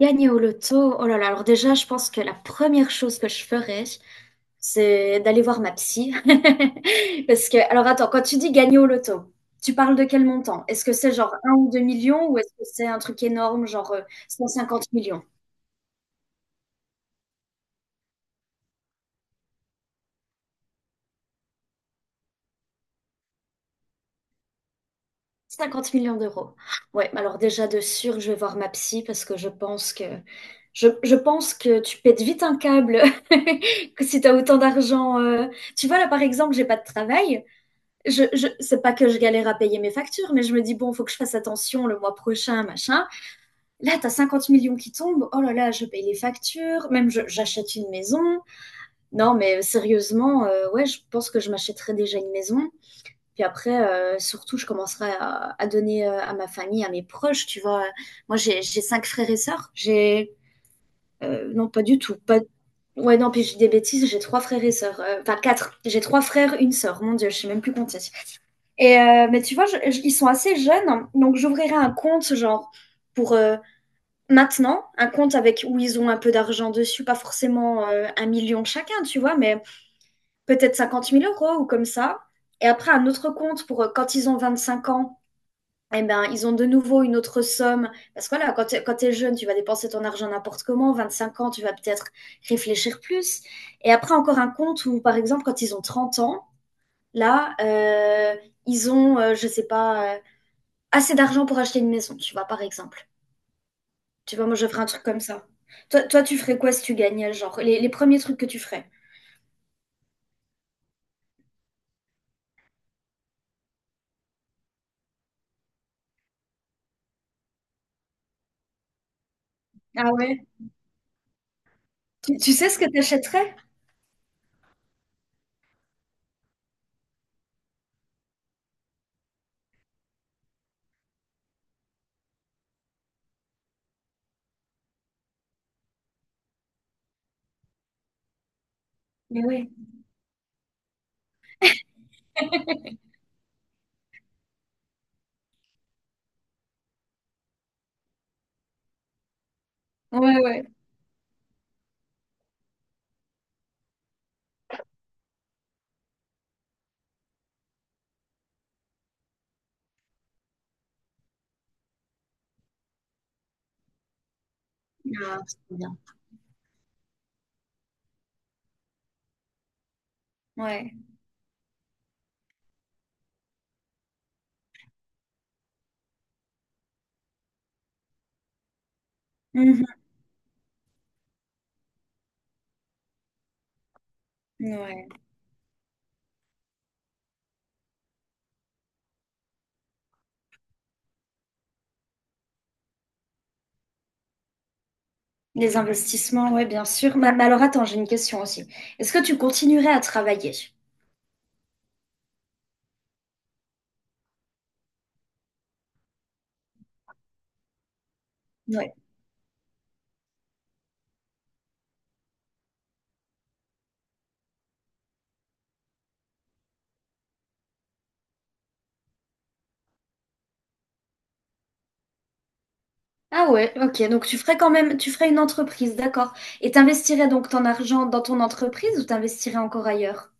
Gagner au loto, oh là là, alors déjà, je pense que la première chose que je ferais, c'est d'aller voir ma psy. Parce que, alors attends, quand tu dis gagner au loto, tu parles de quel montant? Est-ce que c'est genre un ou 2 millions ou est-ce que c'est un truc énorme, genre 150 millions? 50 millions d'euros. Ouais, alors déjà de sûr, je vais voir ma psy parce que je pense que je pense que tu pètes vite un câble que si tu as autant d'argent. Tu vois, là par exemple, j'ai pas de travail. Je C'est pas que je galère à payer mes factures, mais je me dis bon, faut que je fasse attention le mois prochain, machin. Là, t'as 50 millions qui tombent. Oh là là, je paye les factures. Même j'achète une maison. Non, mais sérieusement, ouais, je pense que je m'achèterais déjà une maison. Puis après, surtout, je commencerai à donner à ma famille, à mes proches. Tu vois, moi, j'ai cinq frères et sœurs. J'ai Non, pas du tout, pas. Ouais, non, puis j'ai des bêtises, j'ai trois frères et sœurs. Enfin, quatre. J'ai trois frères, une sœur. Mon Dieu, je sais même plus compter. Et mais tu vois, ils sont assez jeunes, hein. Donc j'ouvrirai un compte genre pour maintenant, un compte avec où ils ont un peu d'argent dessus, pas forcément 1 million chacun, tu vois, mais peut-être 50 000 € ou comme ça. Et après un autre compte pour quand ils ont 25 ans, eh ben ils ont de nouveau une autre somme parce que voilà, quand t'es jeune, tu vas dépenser ton argent n'importe comment. 25 ans, tu vas peut-être réfléchir plus. Et après encore un compte où par exemple quand ils ont 30 ans, là ils ont, je sais pas, assez d'argent pour acheter une maison, tu vois, par exemple. Tu vois, moi, je ferais un truc comme ça. Toi, tu ferais quoi si tu gagnais, genre, les premiers trucs que tu ferais? Ah ouais? Tu sais ce que t'achèterais? Mais oui. Ouais, ouais. Ah, c'est bien. Ouais. Mhm. Ouais. Les investissements, ouais, bien sûr. Mais, alors, attends, j'ai une question aussi. Est-ce que tu continuerais à travailler? Ouais. Ah ouais, ok. Donc, tu ferais quand même, tu ferais une entreprise, d'accord. Et t'investirais donc ton argent dans ton entreprise ou t'investirais encore ailleurs?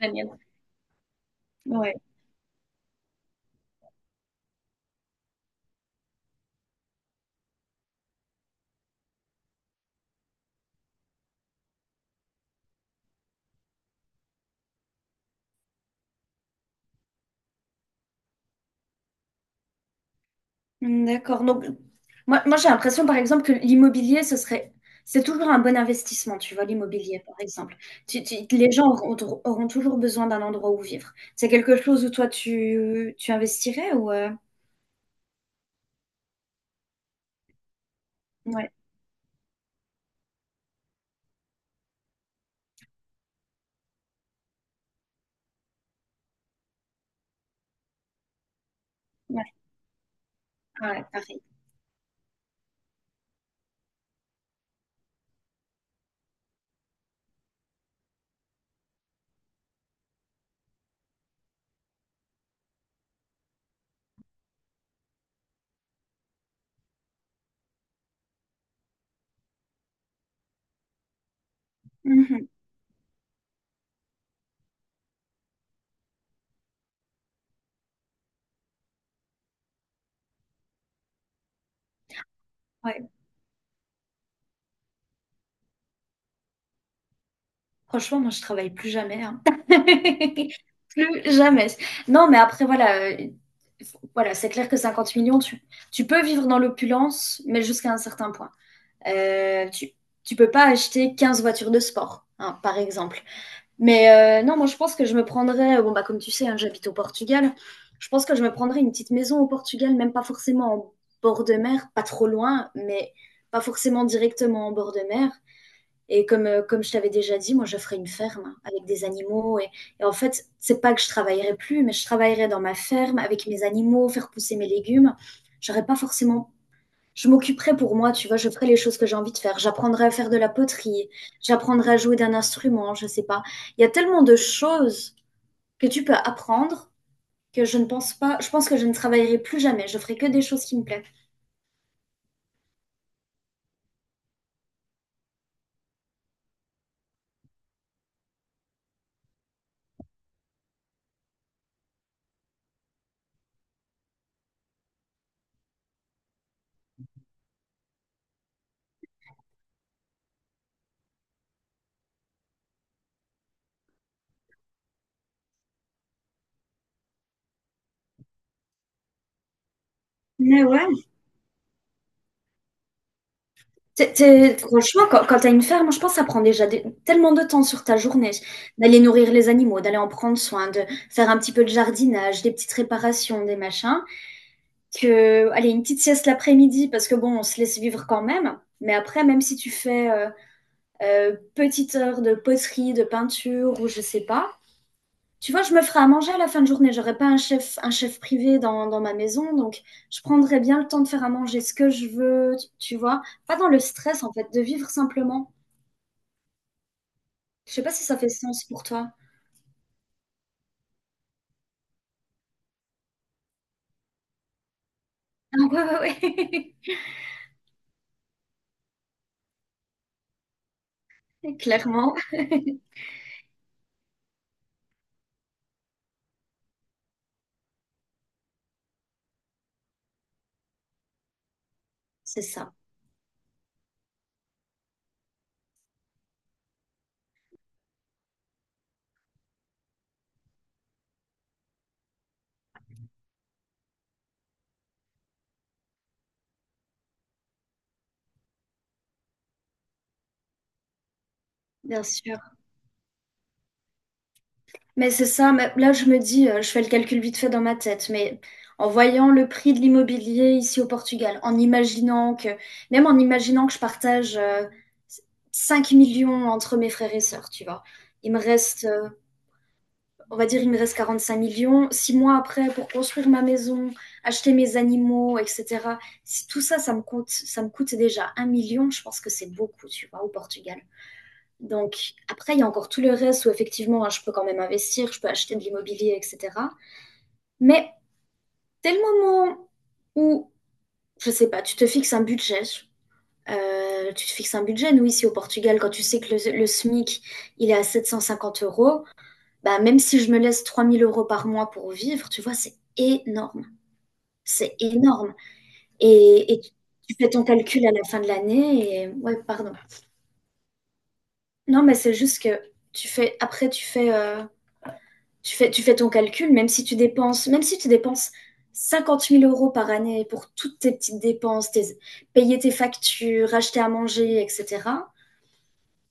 La mienne. Ouais. Hmm, d'accord. Donc, moi j'ai l'impression, par exemple, que l'immobilier, ce serait, c'est toujours un bon investissement, tu vois, l'immobilier, par exemple. Les gens auront, auront toujours besoin d'un endroit où vivre. C'est quelque chose où toi, tu investirais ou... Ouais, ouais, ah ouais, pareil. Mhm, ouais. Franchement, moi, je travaille plus jamais, hein. Plus jamais. Non, mais après, voilà, voilà, c'est clair que 50 millions, tu peux vivre dans l'opulence, mais jusqu'à un certain point. Euh, tu, tu peux pas acheter 15 voitures de sport, hein, par exemple. Mais non, moi je pense que je me prendrais, bon bah comme tu sais, hein, j'habite au Portugal, je pense que je me prendrais une petite maison au Portugal, même pas forcément en bord de mer, pas trop loin, mais pas forcément directement en bord de mer. Et comme je t'avais déjà dit, moi je ferais une ferme hein, avec des animaux. Et en fait, c'est pas que je travaillerai plus, mais je travaillerai dans ma ferme avec mes animaux, faire pousser mes légumes. J'aurais pas forcément. Je m'occuperai pour moi, tu vois, je ferai les choses que j'ai envie de faire. J'apprendrai à faire de la poterie, j'apprendrai à jouer d'un instrument, je sais pas. Il y a tellement de choses que tu peux apprendre que je ne pense pas, je pense que je ne travaillerai plus jamais. Je ferai que des choses qui me plaisent. Mais ouais. Franchement, quand tu as une ferme, je pense que ça prend déjà des- tellement de temps sur ta journée d'aller nourrir les animaux, d'aller en prendre soin, de faire un petit peu de jardinage, des petites réparations, des machins, que, allez, une petite sieste l'après-midi, parce que bon, on se laisse vivre quand même, mais après, même si tu fais... petite heure de poterie, de peinture ou je sais pas. Tu vois, je me ferai à manger à la fin de journée. J'aurai pas un chef, un chef privé dans, ma maison, donc je prendrai bien le temps de faire à manger ce que je veux, tu vois. Pas dans le stress, en fait, de vivre simplement. Je sais pas si ça fait sens pour toi. Ah ouais, ouais, ouais. Clairement, c'est ça, bien sûr. Mais c'est ça, mais là je me dis, je fais le calcul vite fait dans ma tête, mais en voyant le prix de l'immobilier ici au Portugal, en imaginant que, même en imaginant que je partage 5 millions entre mes frères et sœurs, tu vois, il me reste, on va dire, il me reste 45 millions. 6 mois après, pour construire ma maison, acheter mes animaux, etc. Si tout ça, ça me coûte déjà 1 million, je pense que c'est beaucoup, tu vois, au Portugal. Donc, après, il y a encore tout le reste où effectivement, hein, je peux quand même investir, je peux acheter de l'immobilier, etc. Mais dès le moment où, je sais pas, tu te fixes un budget, nous ici au Portugal, quand tu sais que le SMIC, il est à 750 euros, bah, même si je me laisse 3 000 € par mois pour vivre, tu vois, c'est énorme. C'est énorme. Et tu fais ton calcul à la fin de l'année et... Ouais, pardon. Non, mais c'est juste que après, tu fais ton calcul, même si tu dépenses, 50 000 € par année pour toutes tes petites dépenses, tes- payer tes factures, acheter à manger, etc.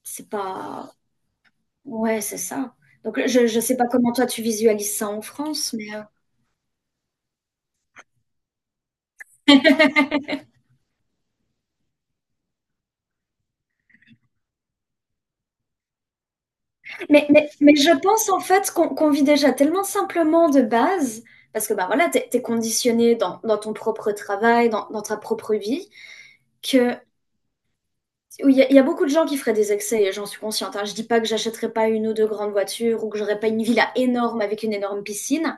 C'est pas... Ouais, c'est ça. Donc, je ne sais pas comment toi tu visualises ça en France, mais, mais je pense en fait qu'on vit déjà tellement simplement de base, parce que bah, voilà, tu es, conditionné dans, dans, ton propre travail, dans ta propre vie, que oui, il y a beaucoup de gens qui feraient des excès et j'en suis consciente, hein. Je dis pas que j'achèterais pas une ou deux grandes voitures ou que j'aurais pas une villa énorme avec une énorme piscine,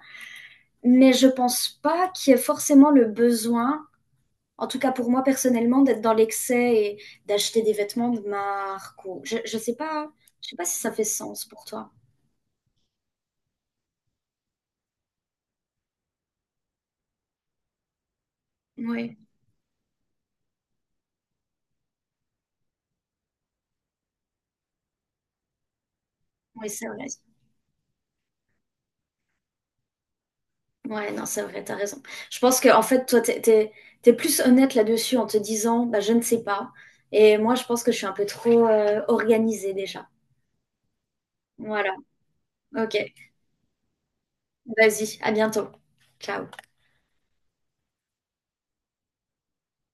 mais je pense pas qu'il y ait forcément le besoin, en tout cas pour moi personnellement, d'être dans l'excès et d'acheter des vêtements de marque ou je sais pas si ça fait sens pour toi. Oui, oui, c'est vrai. Ouais, non, c'est vrai, t'as raison. Je pense que en fait, toi, t'es plus honnête là-dessus en te disant, bah, je ne sais pas. Et moi, je pense que je suis un peu trop organisée déjà. Voilà. Ok, vas-y, à bientôt. Ciao.